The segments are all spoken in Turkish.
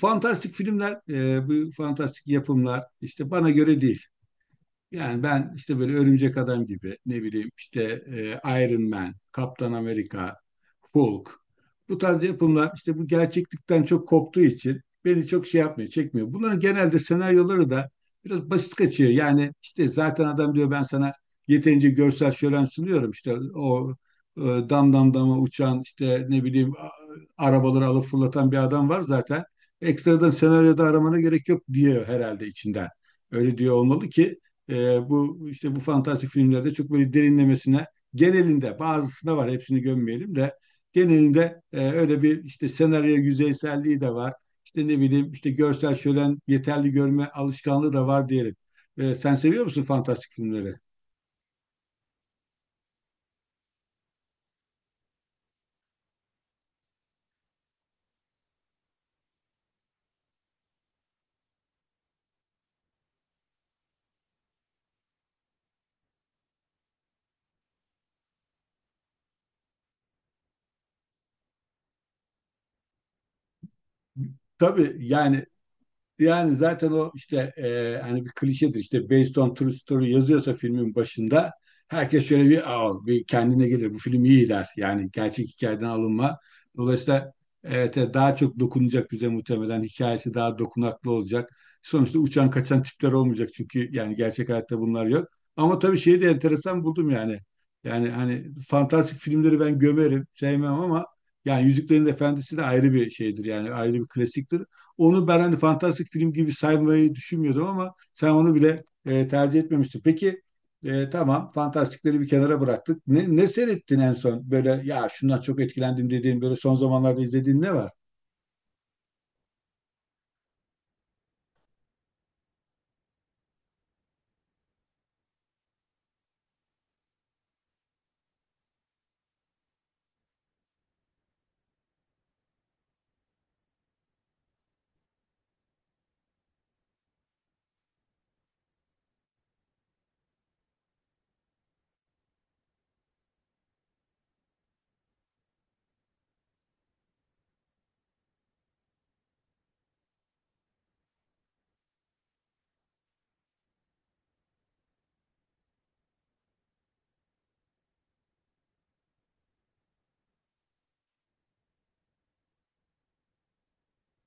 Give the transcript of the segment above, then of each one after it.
Fantastik filmler, bu fantastik yapımlar işte bana göre değil. Yani ben işte böyle Örümcek Adam gibi ne bileyim işte Iron Man, Kaptan Amerika, Hulk bu tarz yapımlar işte bu gerçeklikten çok koptuğu için beni çok şey yapmıyor, çekmiyor. Bunların genelde senaryoları da biraz basit kaçıyor. Yani işte zaten adam diyor ben sana yeterince görsel şölen sunuyorum işte o dam dam dama uçan işte ne bileyim arabaları alıp fırlatan bir adam var zaten. Ekstradan senaryoda aramana gerek yok diyor herhalde içinden. Öyle diyor olmalı ki bu işte bu fantastik filmlerde çok böyle derinlemesine genelinde bazısında var, hepsini gömmeyelim de genelinde öyle bir işte senaryo yüzeyselliği de var. İşte ne bileyim işte görsel şölen yeterli, görme alışkanlığı da var diyelim. Sen seviyor musun fantastik filmleri? Tabii yani. Yani zaten o işte hani bir klişedir işte based on true story yazıyorsa filmin başında herkes şöyle bir, aa, bir kendine gelir, bu film iyi der. Yani gerçek hikayeden alınma. Dolayısıyla evet, evet, daha çok dokunacak bize, muhtemelen hikayesi daha dokunaklı olacak. Sonuçta uçan kaçan tipler olmayacak çünkü yani gerçek hayatta bunlar yok. Ama tabii şeyi de enteresan buldum yani. Yani hani fantastik filmleri ben gömerim, sevmem ama yani Yüzüklerin Efendisi de ayrı bir şeydir, yani ayrı bir klasiktir. Onu ben hani fantastik film gibi saymayı düşünmüyordum ama sen onu bile tercih etmemiştin. Peki tamam, fantastikleri bir kenara bıraktık. Ne seyrettin en son? Böyle ya şundan çok etkilendim dediğin, böyle son zamanlarda izlediğin ne var?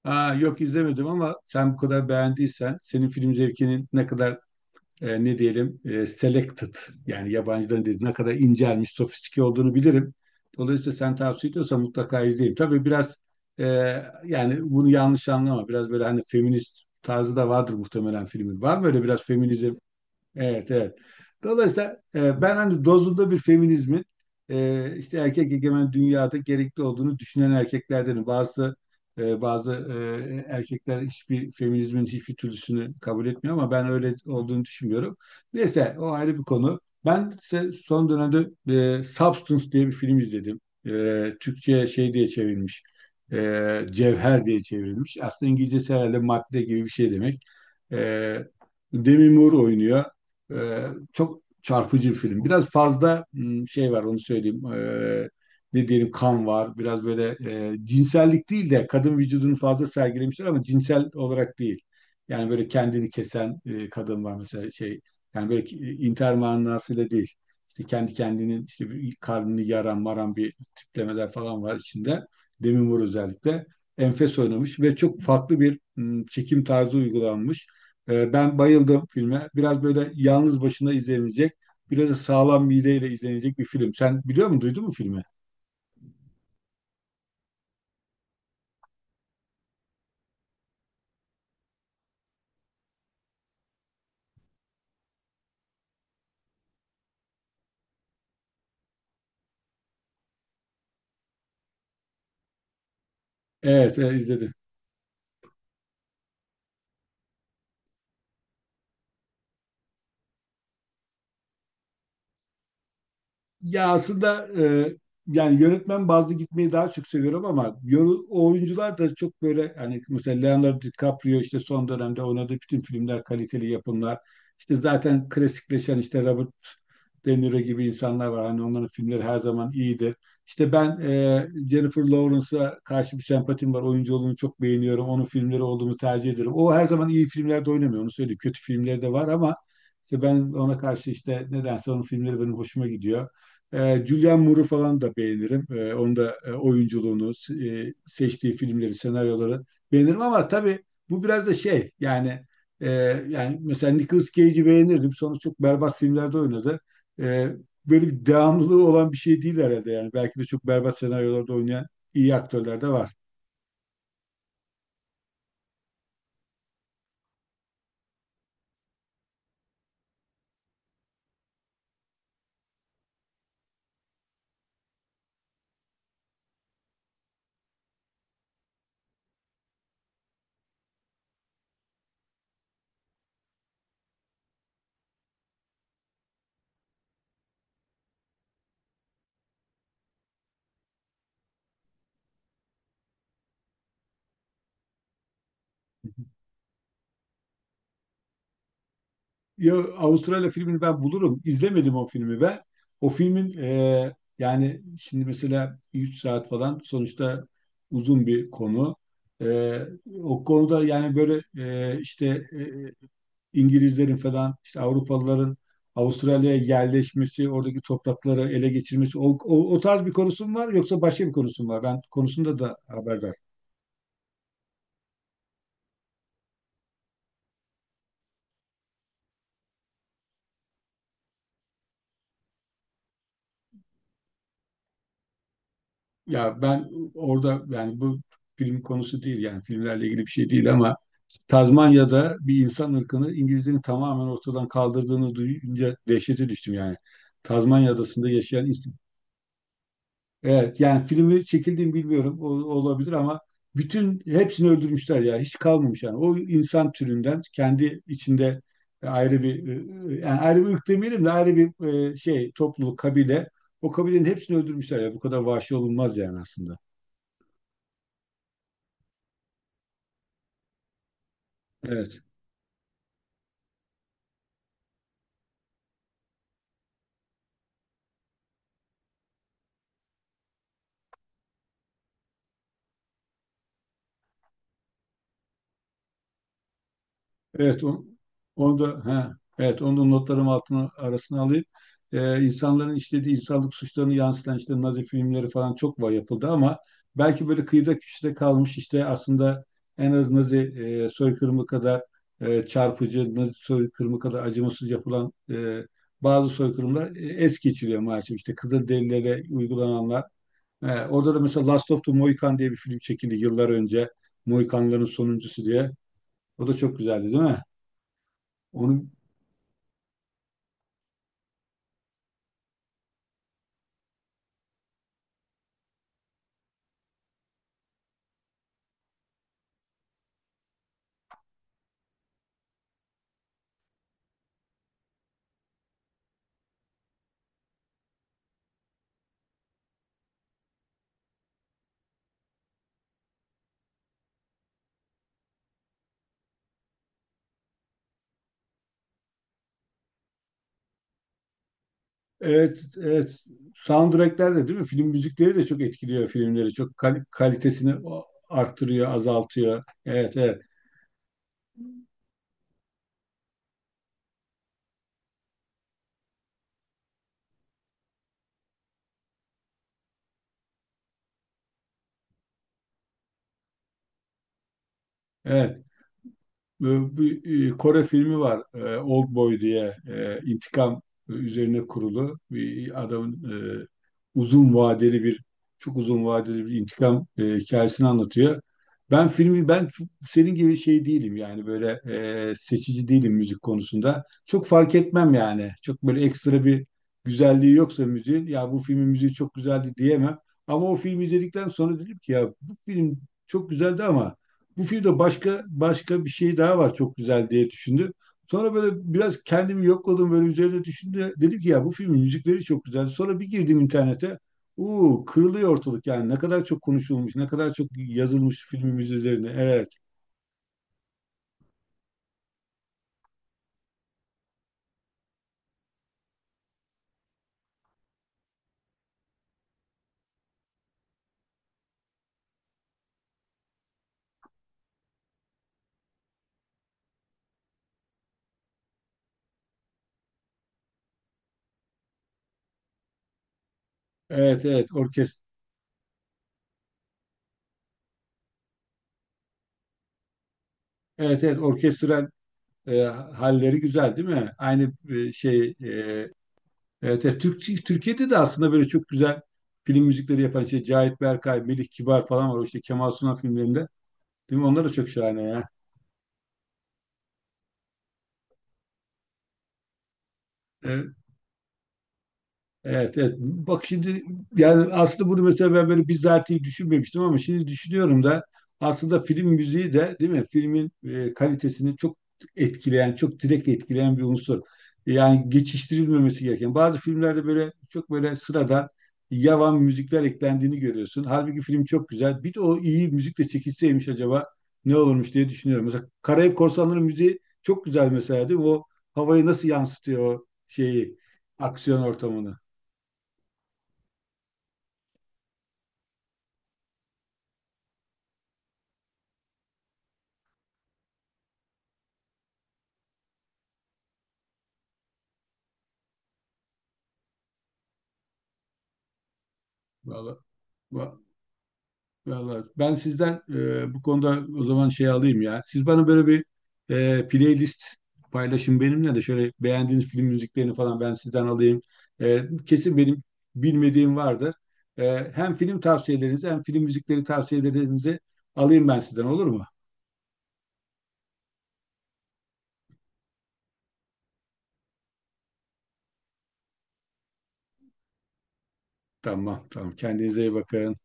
Aa, yok izlemedim ama sen bu kadar beğendiysen, senin film zevkinin ne kadar ne diyelim, selected yani yabancıların dediği, ne kadar incelmiş, sofistike olduğunu bilirim. Dolayısıyla sen tavsiye ediyorsan mutlaka izleyeyim. Tabii biraz e, yani bunu yanlış anlama. Biraz böyle hani feminist tarzı da vardır muhtemelen filmin. Var mı öyle biraz feminizm? Evet, evet. Dolayısıyla ben hani dozunda bir feminizmin işte erkek egemen dünyada gerekli olduğunu düşünen erkeklerdenim. Bazı erkekler hiçbir feminizmin hiçbir türlüsünü kabul etmiyor ama ben öyle olduğunu düşünmüyorum. Neyse, o ayrı bir konu. Ben ise son dönemde Substance diye bir film izledim. Türkçe'ye şey diye çevrilmiş. Cevher diye çevrilmiş. Aslında İngilizcesi herhalde madde gibi bir şey demek. E, Demi Moore oynuyor. Ee, Çok çarpıcı bir film. Biraz fazla şey var, onu söyleyeyim. Ne diyelim, kan var. Biraz böyle cinsellik değil de kadın vücudunu fazla sergilemişler ama cinsel olarak değil. Yani böyle kendini kesen kadın var mesela, şey. Yani böyle intihar manasıyla değil. İşte kendi kendinin işte bir karnını yaran maran bir tiplemeler falan var içinde. Demi Moore özellikle. Enfes oynamış ve çok farklı bir çekim tarzı uygulanmış. Ben bayıldım filme. Biraz böyle yalnız başına izlenecek, biraz da sağlam mideyle izlenecek bir film. Sen biliyor musun, duydun mu filmi? Evet, izledim. Ya aslında e, yani yönetmen bazlı gitmeyi daha çok seviyorum ama o oyuncular da çok böyle, hani mesela Leonardo DiCaprio işte son dönemde oynadığı bütün filmler kaliteli yapımlar. İşte zaten klasikleşen işte Robert De Niro gibi insanlar var. Hani onların filmleri her zaman iyidir. İşte ben Jennifer Lawrence'a karşı bir sempatim var. Oyunculuğunu çok beğeniyorum. Onun filmleri olduğunu tercih ederim. O her zaman iyi filmlerde oynamıyor, onu söyleyeyim. Kötü filmleri de var ama işte ben ona karşı işte nedense onun filmleri benim hoşuma gidiyor. Julianne Moore'u falan da beğenirim. Onun da oyunculuğunu, seçtiği filmleri, senaryoları beğenirim. Ama tabii bu biraz da şey yani e, yani mesela Nicolas Cage'i beğenirdim. Sonra çok berbat filmlerde oynadı. E, Böyle bir devamlılığı olan bir şey değil herhalde yani. Belki de çok berbat senaryolarda oynayan iyi aktörler de var. Ya Avustralya filmini ben bulurum. İzlemedim o filmi ve o filmin yani şimdi mesela 3 saat falan sonuçta uzun bir konu. E, O konuda yani böyle işte İngilizlerin falan işte Avrupalıların Avustralya'ya yerleşmesi, oradaki toprakları ele geçirmesi, o tarz bir konusu mu var, yoksa başka bir konusu mu var? Ben konusunda da haberdar. Ya ben orada, yani bu film konusu değil, yani filmlerle ilgili bir şey değil ama Tazmanya'da bir insan ırkını İngilizlerin tamamen ortadan kaldırdığını duyunca dehşete düştüm yani. Tazmanya adasında yaşayan insan. Evet yani filmi çekildiğini bilmiyorum, o olabilir ama bütün hepsini öldürmüşler ya, hiç kalmamış yani. O insan türünden kendi içinde ayrı bir yani ayrı bir ırk demeyelim de, ayrı bir şey, topluluk, kabile, o kabilenin hepsini öldürmüşler ya, bu kadar vahşi olunmaz yani aslında. Evet. Evet, onu da, ha, evet, onu da notlarım altına arasına alayım. İnsanların işlediği insanlık suçlarını yansıtan işte Nazi filmleri falan çok var, yapıldı ama belki böyle kıyıda köşede kalmış, işte aslında en az Nazi soykırımı kadar çarpıcı, Nazi soykırımı kadar acımasız yapılan bazı soykırımlar es geçiliyor maalesef. İşte Kızılderililere uygulananlar. Orada da mesela Last of the Mohican diye bir film çekildi yıllar önce. Mohikanların sonuncusu diye. O da çok güzeldi, değil mi? Onun. Evet, evet, soundtrackler de değil mi? Film müzikleri de çok etkiliyor filmleri. Çok kalitesini arttırıyor, azaltıyor. Evet, evet. Evet. e, Bir Kore filmi var. Old Boy diye, intikam üzerine kurulu bir adamın e, uzun vadeli bir çok uzun vadeli bir intikam hikayesini anlatıyor. Ben senin gibi şey değilim, yani böyle seçici değilim müzik konusunda. Çok fark etmem yani. Çok böyle ekstra bir güzelliği yoksa müziğin, ya bu filmin müziği çok güzeldi diyemem. Ama o filmi izledikten sonra dedim ki ya bu film çok güzeldi ama bu filmde başka başka bir şey daha var, çok güzel diye düşündüm. Sonra böyle biraz kendimi yokladım, böyle üzerine düşündüm. Dedim ki ya bu filmin müzikleri çok güzel. Sonra bir girdim internete. Uuu, kırılıyor ortalık yani, ne kadar çok konuşulmuş, ne kadar çok yazılmış filmimiz üzerine. Evet, evet, evet, evet, evet, orkestral halleri güzel değil mi? Aynı şey, evet, evet, Türkiye'de de aslında böyle çok güzel film müzikleri yapan şey Cahit Berkay, Melih Kibar falan var. O işte Kemal Sunal filmlerinde. Değil mi? Onlar da çok şahane ya. Evet. Evet, evet. Bak şimdi, yani aslında bunu mesela ben böyle bizatihi düşünmemiştim ama şimdi düşünüyorum da, aslında film müziği de değil mi? Filmin kalitesini çok etkileyen, çok direkt etkileyen bir unsur. Yani geçiştirilmemesi gereken. Bazı filmlerde böyle çok böyle sıradan yavan müzikler eklendiğini görüyorsun. Halbuki film çok güzel. Bir de o iyi müzikle çekilseymiş acaba ne olurmuş diye düşünüyorum. Mesela Karayip Korsanları müziği çok güzel mesela değil mi? O havayı nasıl yansıtıyor, o şeyi, aksiyon ortamını. Vallahi, va- vallahi ben sizden bu konuda o zaman şey alayım ya. Siz bana böyle bir playlist paylaşın benimle de, şöyle beğendiğiniz film müziklerini falan ben sizden alayım. Kesin benim bilmediğim vardır. Hem film tavsiyelerinizi hem film müzikleri tavsiyelerinizi alayım ben sizden, olur mu? Tamam, tamam, kendinize iyi bakın.